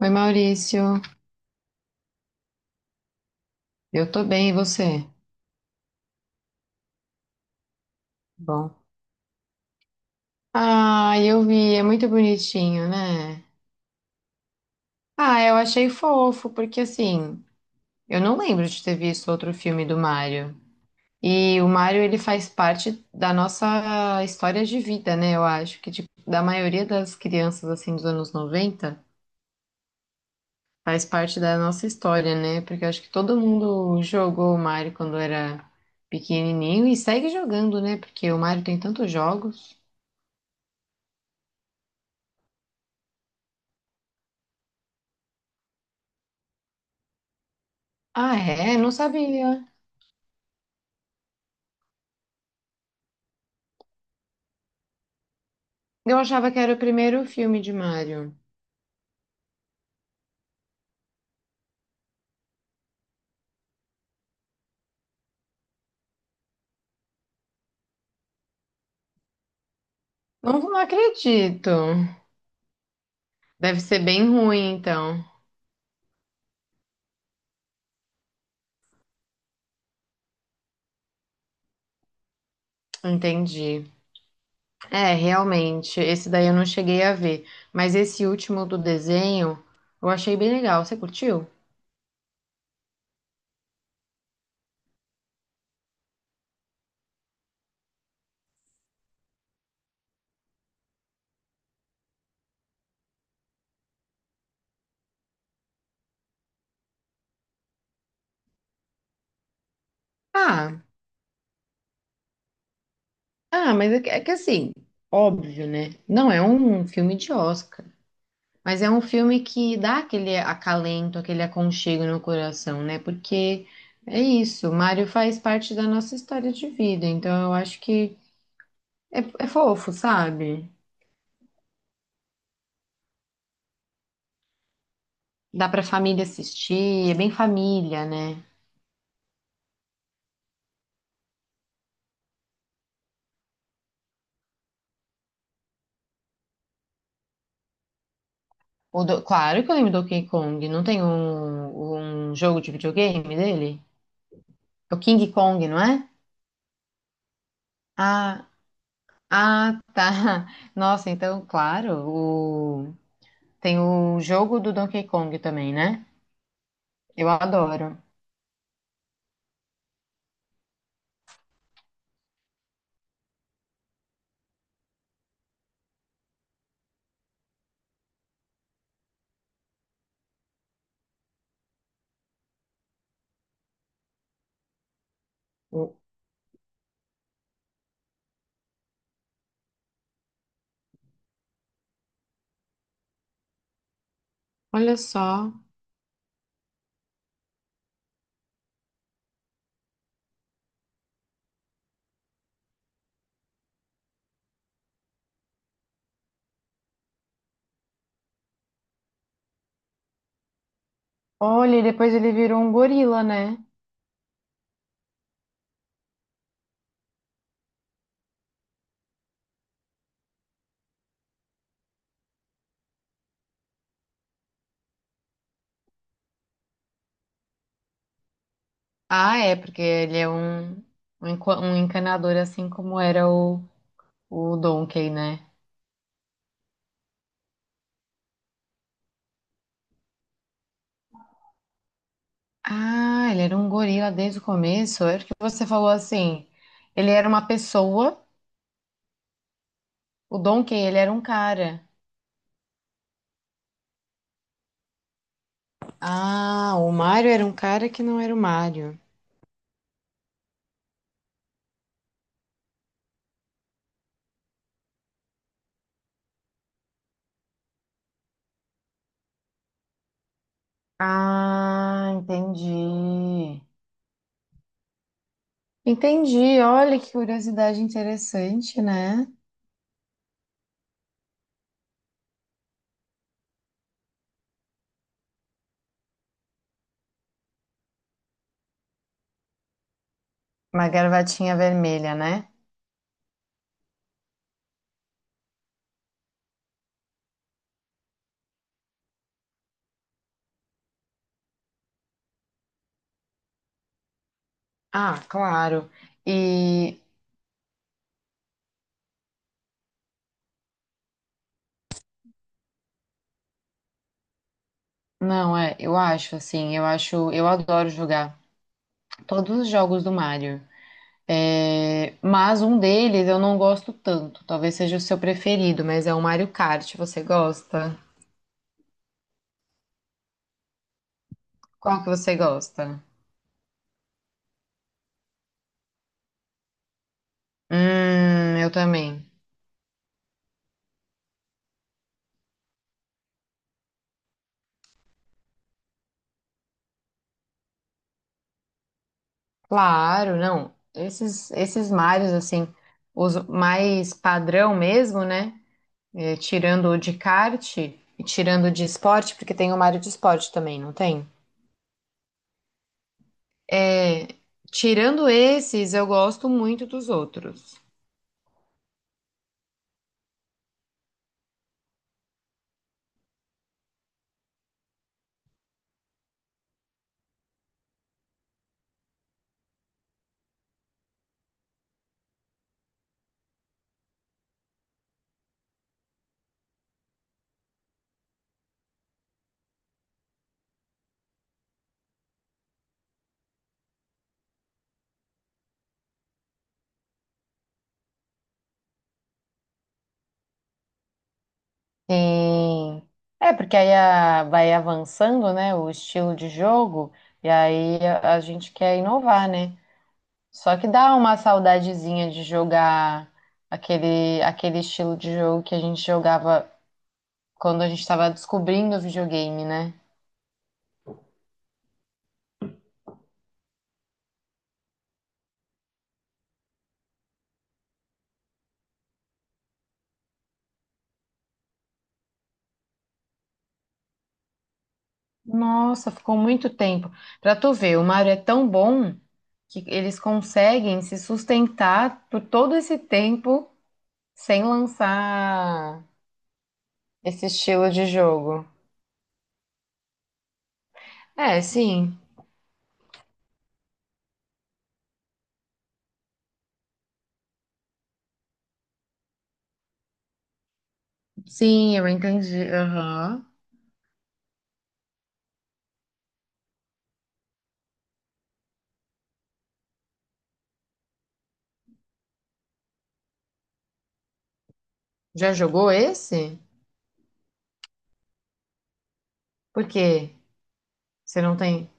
Oi, Maurício. Eu tô bem, e você? Bom. Ah, eu vi, é muito bonitinho, né? Ah, eu achei fofo, porque assim, eu não lembro de ter visto outro filme do Mario. E o Mario, ele faz parte da nossa história de vida, né? Eu acho que, tipo, da maioria das crianças, assim, dos anos 90 faz parte da nossa história, né? Porque eu acho que todo mundo jogou o Mario quando era pequenininho e segue jogando, né? Porque o Mario tem tantos jogos. Ah, é? Não sabia. Eu achava que era o primeiro filme de Mario. Não, não acredito. Deve ser bem ruim, então. Entendi. É, realmente. Esse daí eu não cheguei a ver. Mas esse último do desenho eu achei bem legal. Você curtiu? Ah, ah, mas é que, assim, óbvio, né? Não é um filme de Oscar. Mas é um filme que dá aquele acalento, aquele aconchego no coração, né? Porque é isso, o Mário faz parte da nossa história de vida, então eu acho que é fofo, sabe? Dá pra família assistir, é bem família, né? Claro que eu lembro do Donkey Kong, não tem um jogo de videogame dele? É o King Kong, não é? Ah, ah, tá. Nossa, então, claro, o... tem o jogo do Donkey Kong também, né? Eu adoro. Olha só. Olha, e depois ele virou um gorila, né? Ah, é, porque ele é um, um encanador, assim como era o Donkey, né? Ah, ele era um gorila desde o começo. É porque você falou assim, ele era uma pessoa, o Donkey, ele era um cara. Ah, o Mario era um cara que não era o Mario. Ah, entendi. Entendi, olha que curiosidade interessante, né? Uma gravatinha vermelha, né? Ah, claro. E não, é, eu acho, eu adoro jogar todos os jogos do Mario. É, mas um deles eu não gosto tanto. Talvez seja o seu preferido, mas é o Mario Kart. Você gosta? Qual que você gosta? Eu também. Claro, não. Esses Marios, assim, os mais padrão mesmo, né? É, tirando o de kart e tirando o de esporte, porque tem o Mario de esporte também, não tem? É, tirando esses, eu gosto muito dos outros. Sim. É, porque aí vai avançando, né, o estilo de jogo, e aí a gente quer inovar, né? Só que dá uma saudadezinha de jogar aquele estilo de jogo que a gente jogava quando a gente estava descobrindo o videogame, né? Nossa, ficou muito tempo. Pra tu ver, o Mario é tão bom que eles conseguem se sustentar por todo esse tempo sem lançar esse estilo de jogo. É, sim. Sim, eu entendi. Aham. Já jogou esse? Por quê? Você não tem.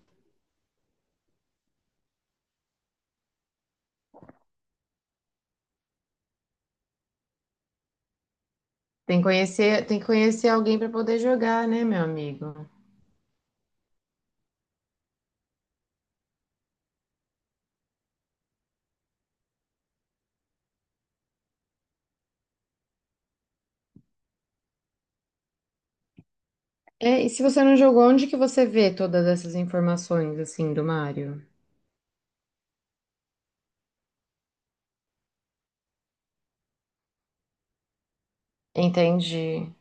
Tem que conhecer alguém para poder jogar, né, meu amigo? É, e se você não jogou, onde que você vê todas essas informações, assim, do Mario? Entendi.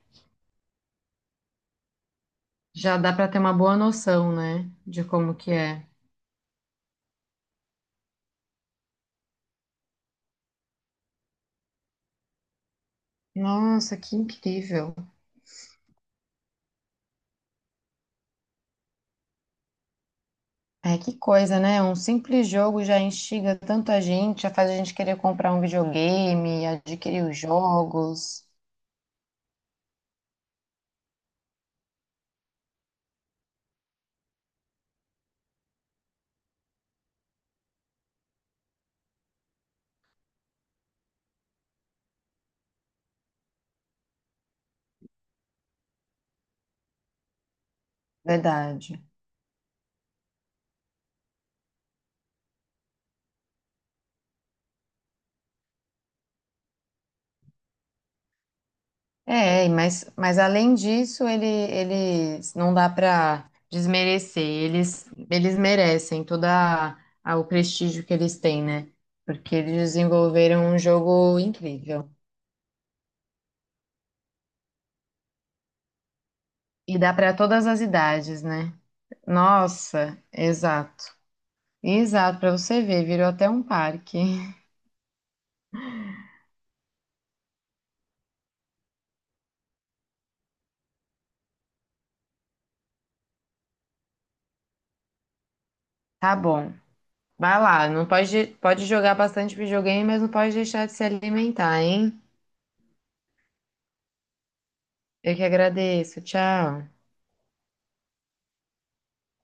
Já dá para ter uma boa noção, né, de como que é. Nossa, que incrível. É que coisa, né? Um simples jogo já instiga tanto a gente, já faz a gente querer comprar um videogame, adquirir os jogos. Verdade. É, mas, além disso, eles não dá para desmerecer. Eles merecem todo o prestígio que eles têm, né? Porque eles desenvolveram um jogo incrível. E dá para todas as idades, né? Nossa, exato. Exato, para você ver, virou até um parque. Tá bom. Vai lá, não pode, pode jogar bastante videogame, mas não pode deixar de se alimentar, hein? Eu que agradeço. Tchau.